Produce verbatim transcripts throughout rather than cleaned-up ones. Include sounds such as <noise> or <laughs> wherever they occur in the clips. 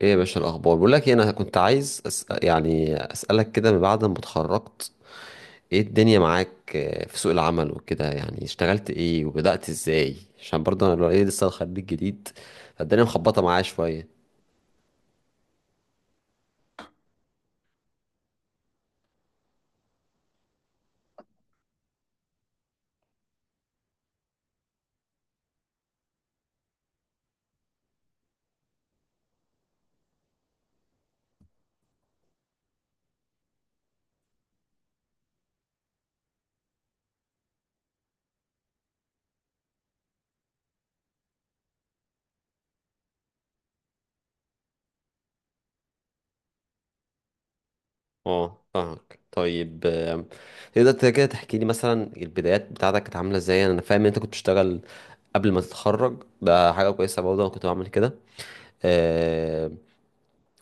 ايه يا باشا، الاخبار؟ بقول لك إيه، انا كنت عايز أس... يعني اسالك كده من بعد ما اتخرجت، ايه الدنيا معاك، آه، في سوق العمل وكده، يعني اشتغلت ايه وبدأت ازاي؟ عشان برضه انا لو ايه لسه خريج جديد، فالدنيا مخبطه معايا شويه. اه، فاهمك. طيب، آم، تقدر ت- كده تحكي لي مثلا البدايات بتاعتك كانت عامله ازاي؟ انا فاهم ان انت كنت بتشتغل قبل ما تتخرج، ده حاجه كويسه، برضه انا كنت بعمل كده. آم،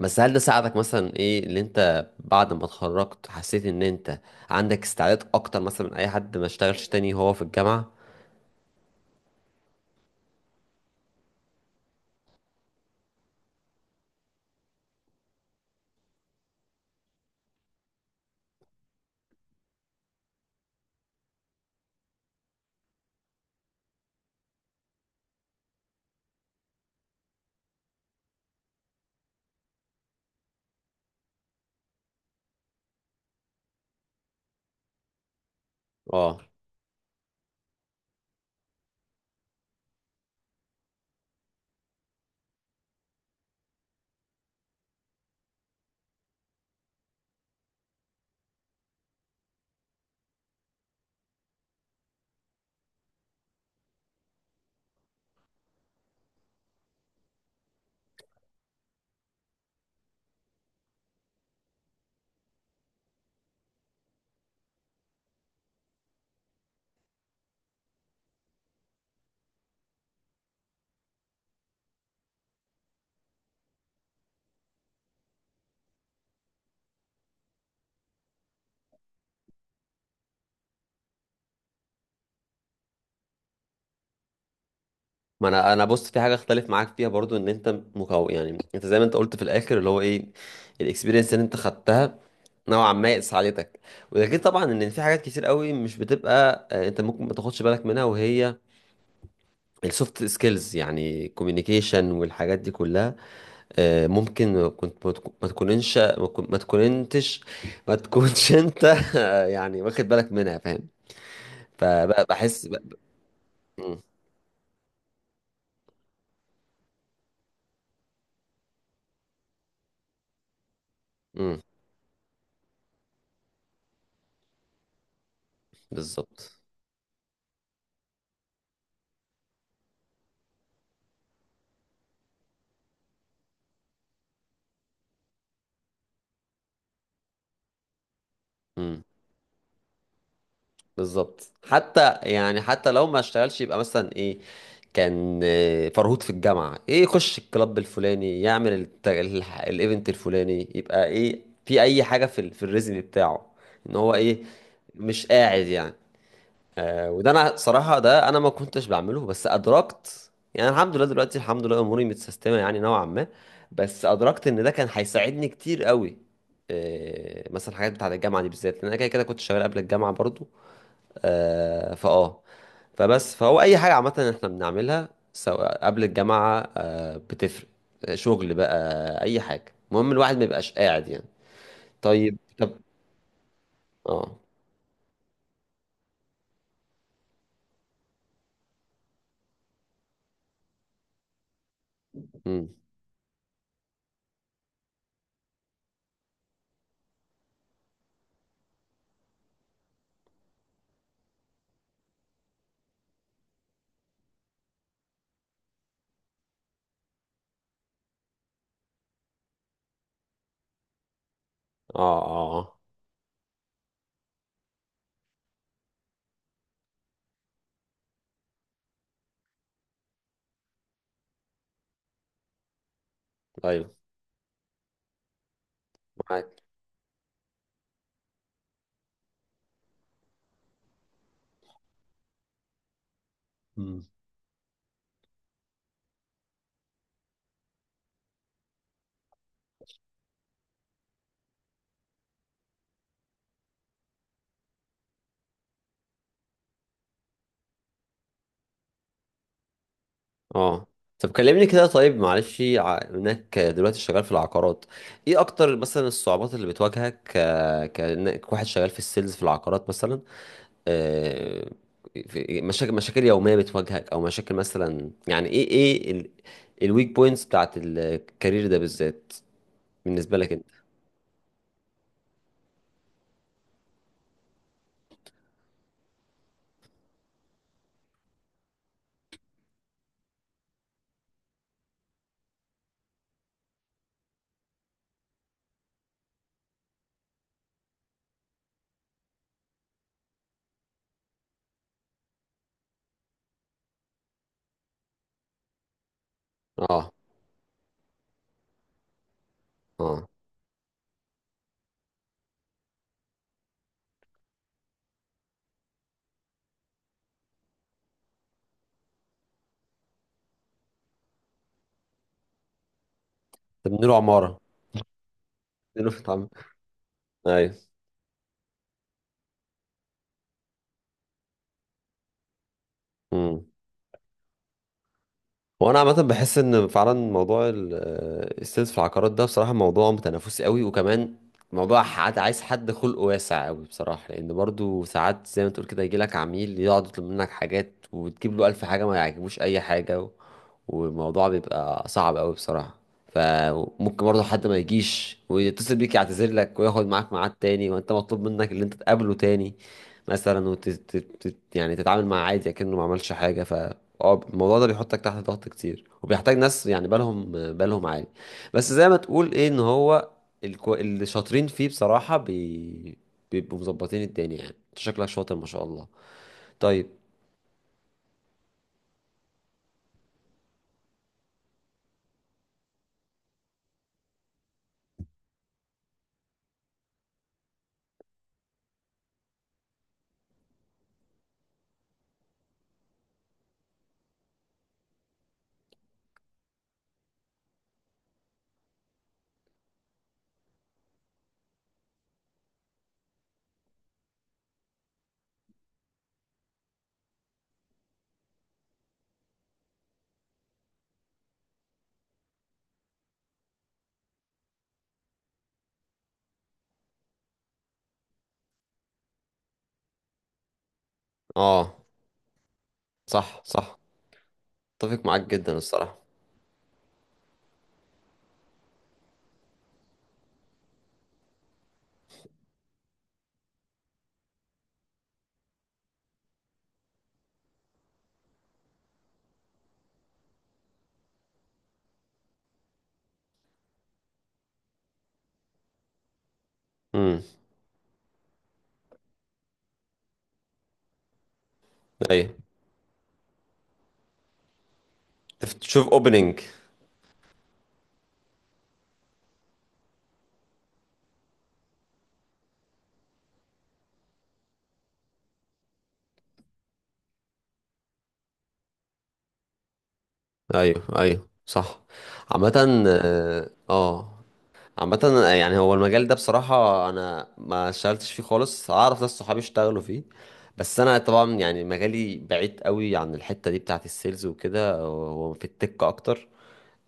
بس هل ده ساعدك؟ مثلا ايه اللي انت بعد ما اتخرجت حسيت ان انت عندك استعداد اكتر مثلا من اي حد ما اشتغلش تاني وهو في الجامعة؟ اه. ما انا انا بص، في حاجه اختلف معاك فيها برضو، ان انت مكو يعني انت زي ما انت قلت في الاخر اللي هو ايه، الاكسبيرينس اللي انت خدتها نوعا ما ساعدتك. وده غير طبعا ان في حاجات كتير قوي مش بتبقى، آه، انت ممكن ما تاخدش بالك منها، وهي السوفت سكيلز، يعني كوميونيكيشن والحاجات دي كلها. آه، ممكن كنت ما تكون- ما تكوننش ما تكون- ما تكوننتش ما تكونش انت <laughs> يعني واخد بالك منها، فاهم؟ فبحس ب... ب- م- م، بالظبط. م، بالظبط، حتى يعني حتى لو ما اشتغلش يبقى مثلا ايه، كان آه، فرهود في الجامعة، ايه، يخش الكلاب الفلاني، يعمل الت- الح- الايفنت الفلاني، يبقى ايه في اي حاجة في ال- في الريزم بتاعه، ان هو ايه مش قاعد يعني. آه، وده انا صراحه، ده انا ما كنتش بعمله، بس ادركت، يعني الحمد لله دلوقتي، الحمد لله اموري متسيستمه يعني نوعا ما، بس ادركت ان ده كان هيساعدني كتير قوي. آه، مثلا الحاجات بتاعه الجامعه دي بالذات، لان انا كده كده كنت شغال قبل الجامعه برضو. آه فاه فبس فهو اي حاجه عامه احنا بنعملها، سواء قبل الجامعه، آه بتفرق. آه، شغل بقى اي حاجه، المهم الواحد ما يبقاش قاعد يعني. طيب طب اه. امم. اه، اه، آه. ايوه. معاك. اه. طب كلمني كده، طيب معلش، ع- انك دلوقتي شغال في العقارات، ايه اكتر مثلا الصعوبات اللي بتواجهك ك... كانك واحد شغال في السيلز في العقارات مثلا؟ آه، في- مشاكل مشاكل يومية بتواجهك، او مشاكل مثلا، يعني ايه ايه ال... الويك بوينتس بتاعت الكارير ده بالذات بالنسبة لك انت؟ اه. اه. طب بنقول عمارة، بنقول في العم- ايوه. وانا عامه بحس ان فعلا موضوع ال- آه، السيلز في العقارات ده بصراحه موضوع متنافسي قوي، وكمان موضوع حد عايز حد خلقه واسع قوي بصراحه. لان برضو ساعات زي ما تقول كده، يجي لك عميل يقعد يطلب منك حاجات، وتجيب له الف حاجه ما يعجبوش اي حاجه، و- والموضوع بيبقى صعب قوي بصراحه. فممكن برضو حد ما يجيش ويتصل بيك يعتذر لك وياخد معاك ميعاد تاني، وانت مطلوب منك اللي انت تقابله تاني مثلا، وت... تت- تت- يعني تتعامل معاه عادي كأنه ما عملش حاجه. اه، الموضوع ده بيحطك تحت ضغط كتير، وبيحتاج ناس يعني بالهم بالهم عالي. بس زي ما تقول ايه، ان هو الكو... اللي شاطرين فيه بصراحة بي... بيبقوا مظبطين الدنيا، يعني انت شكلك شاطر ما شاء الله. طيب. اه. صح، صح. اتفق معاك جدا الصراحة. امم ايوه. تف- تشوف اوبننج. ايوه، ايوه، صح. عامة، اه، آه. عامة يعني هو المجال ده بصراحة أنا ما اشتغلتش فيه خالص، أعرف ناس صحابي اشتغلوا فيه، بس أنا طبعا يعني مجالي بعيد قوي عن الحتة دي بتاعة السيلز وكده، هو في التك أكتر.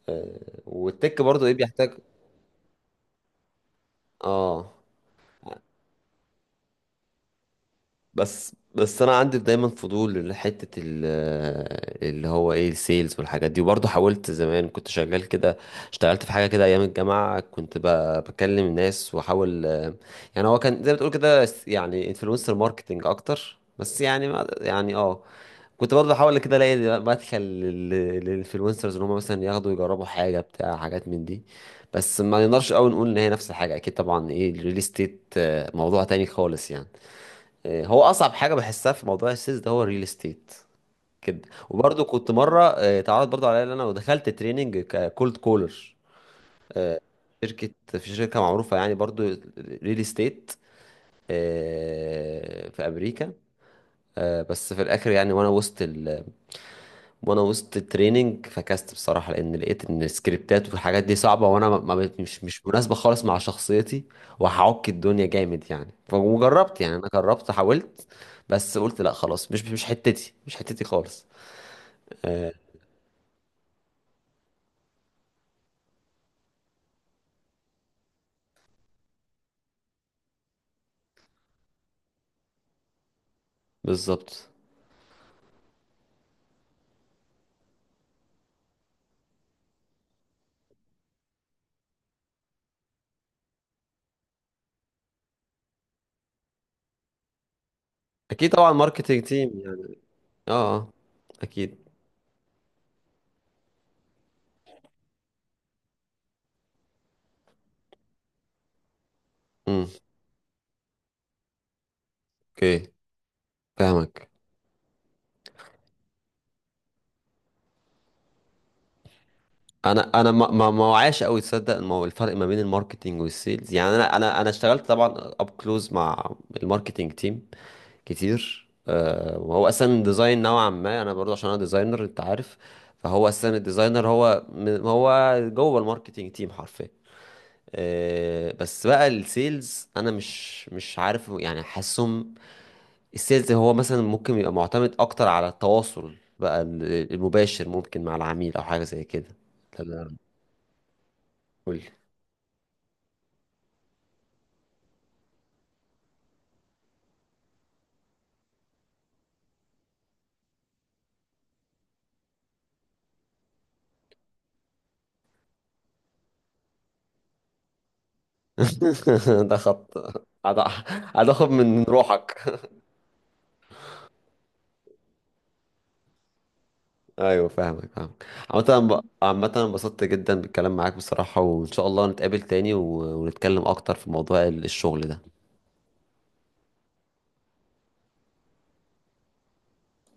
آه، والتك برضو إيه بيحتاج؟ آه، بس بس انا عندي دايما فضول لحته ال- اللي هو ايه، السيلز والحاجات دي، وبرضه حاولت زمان كنت شغال كده. اشتغلت في حاجه كده ايام الجامعه، كنت ب- بكلم الناس، واحاول، آه، يعني هو كان زي ما بتقول كده س- يعني انفلونسر ماركتنج اكتر، بس يعني ما يعني اه كنت برضه بحاول كده الاقي مدخل للانفلونسرز، ان هم مثلا ياخدوا يجربوا حاجه بتاع حاجات من دي، بس ما نقدرش قوي نقول ان هي نفس الحاجه، اكيد طبعا، ايه الريل استيت موضوع تاني خالص يعني. آه، هو اصعب حاجه بحسها في موضوع السيلز ده هو الريل استيت كده. وبرضه كنت مره آه، اتعرض برضه عليا ان انا دخلت تريننج ككولد كولر، شركه في شركه معروفه يعني، برضه ريل استيت في امريكا. آه، بس في الاخر يعني وانا وسط وانا وسط التريننج فكست بصراحه، لان لقيت ان السكريبتات والحاجات دي صعبه، وانا ما ما بت- مش مش مناسبه خالص مع شخصيتي، وهعك الدنيا جامد يعني. ف- وجربت، يعني انا جربت، حاولت، بس قلت لا، خلاص مش مش حتتي، مش حتتي خالص. آه. بالظبط. اكيد طبعا، ماركتنج تيم يعني. اه، آه، اكيد. امم اوكي، فاهمك. انا انا ما ما ما وعاش قوي، تصدق المو- الفرق ما بين الماركتنج والسيلز؟ يعني انا انا انا اشتغلت طبعا اب كلوز مع الماركتنج تيم كتير، آه، وهو اصلا ديزاين نوعا ما، انا برضه عشان انا ديزاينر انت عارف، فهو اصلا الديزاينر هو م- هو جوه الماركتينج تيم حرفيا. آه، بس بقى السيلز انا مش مش عارف يعني، حاسسهم السيلز هو مثلا ممكن يبقى معتمد اكتر على التواصل بقى ال- المباشر، ممكن مع العميل او حاجه زي كده. تمام، قول. <laughs> ده خط هتاخد من روحك. ايوه فاهمك، فاهمك. عامة أنا ب- عامة أنا انبسطت جدا بالكلام معاك بصراحة، وان شاء الله نتقابل تاني و- ونتكلم اكتر في موضوع ال- الشغل ده.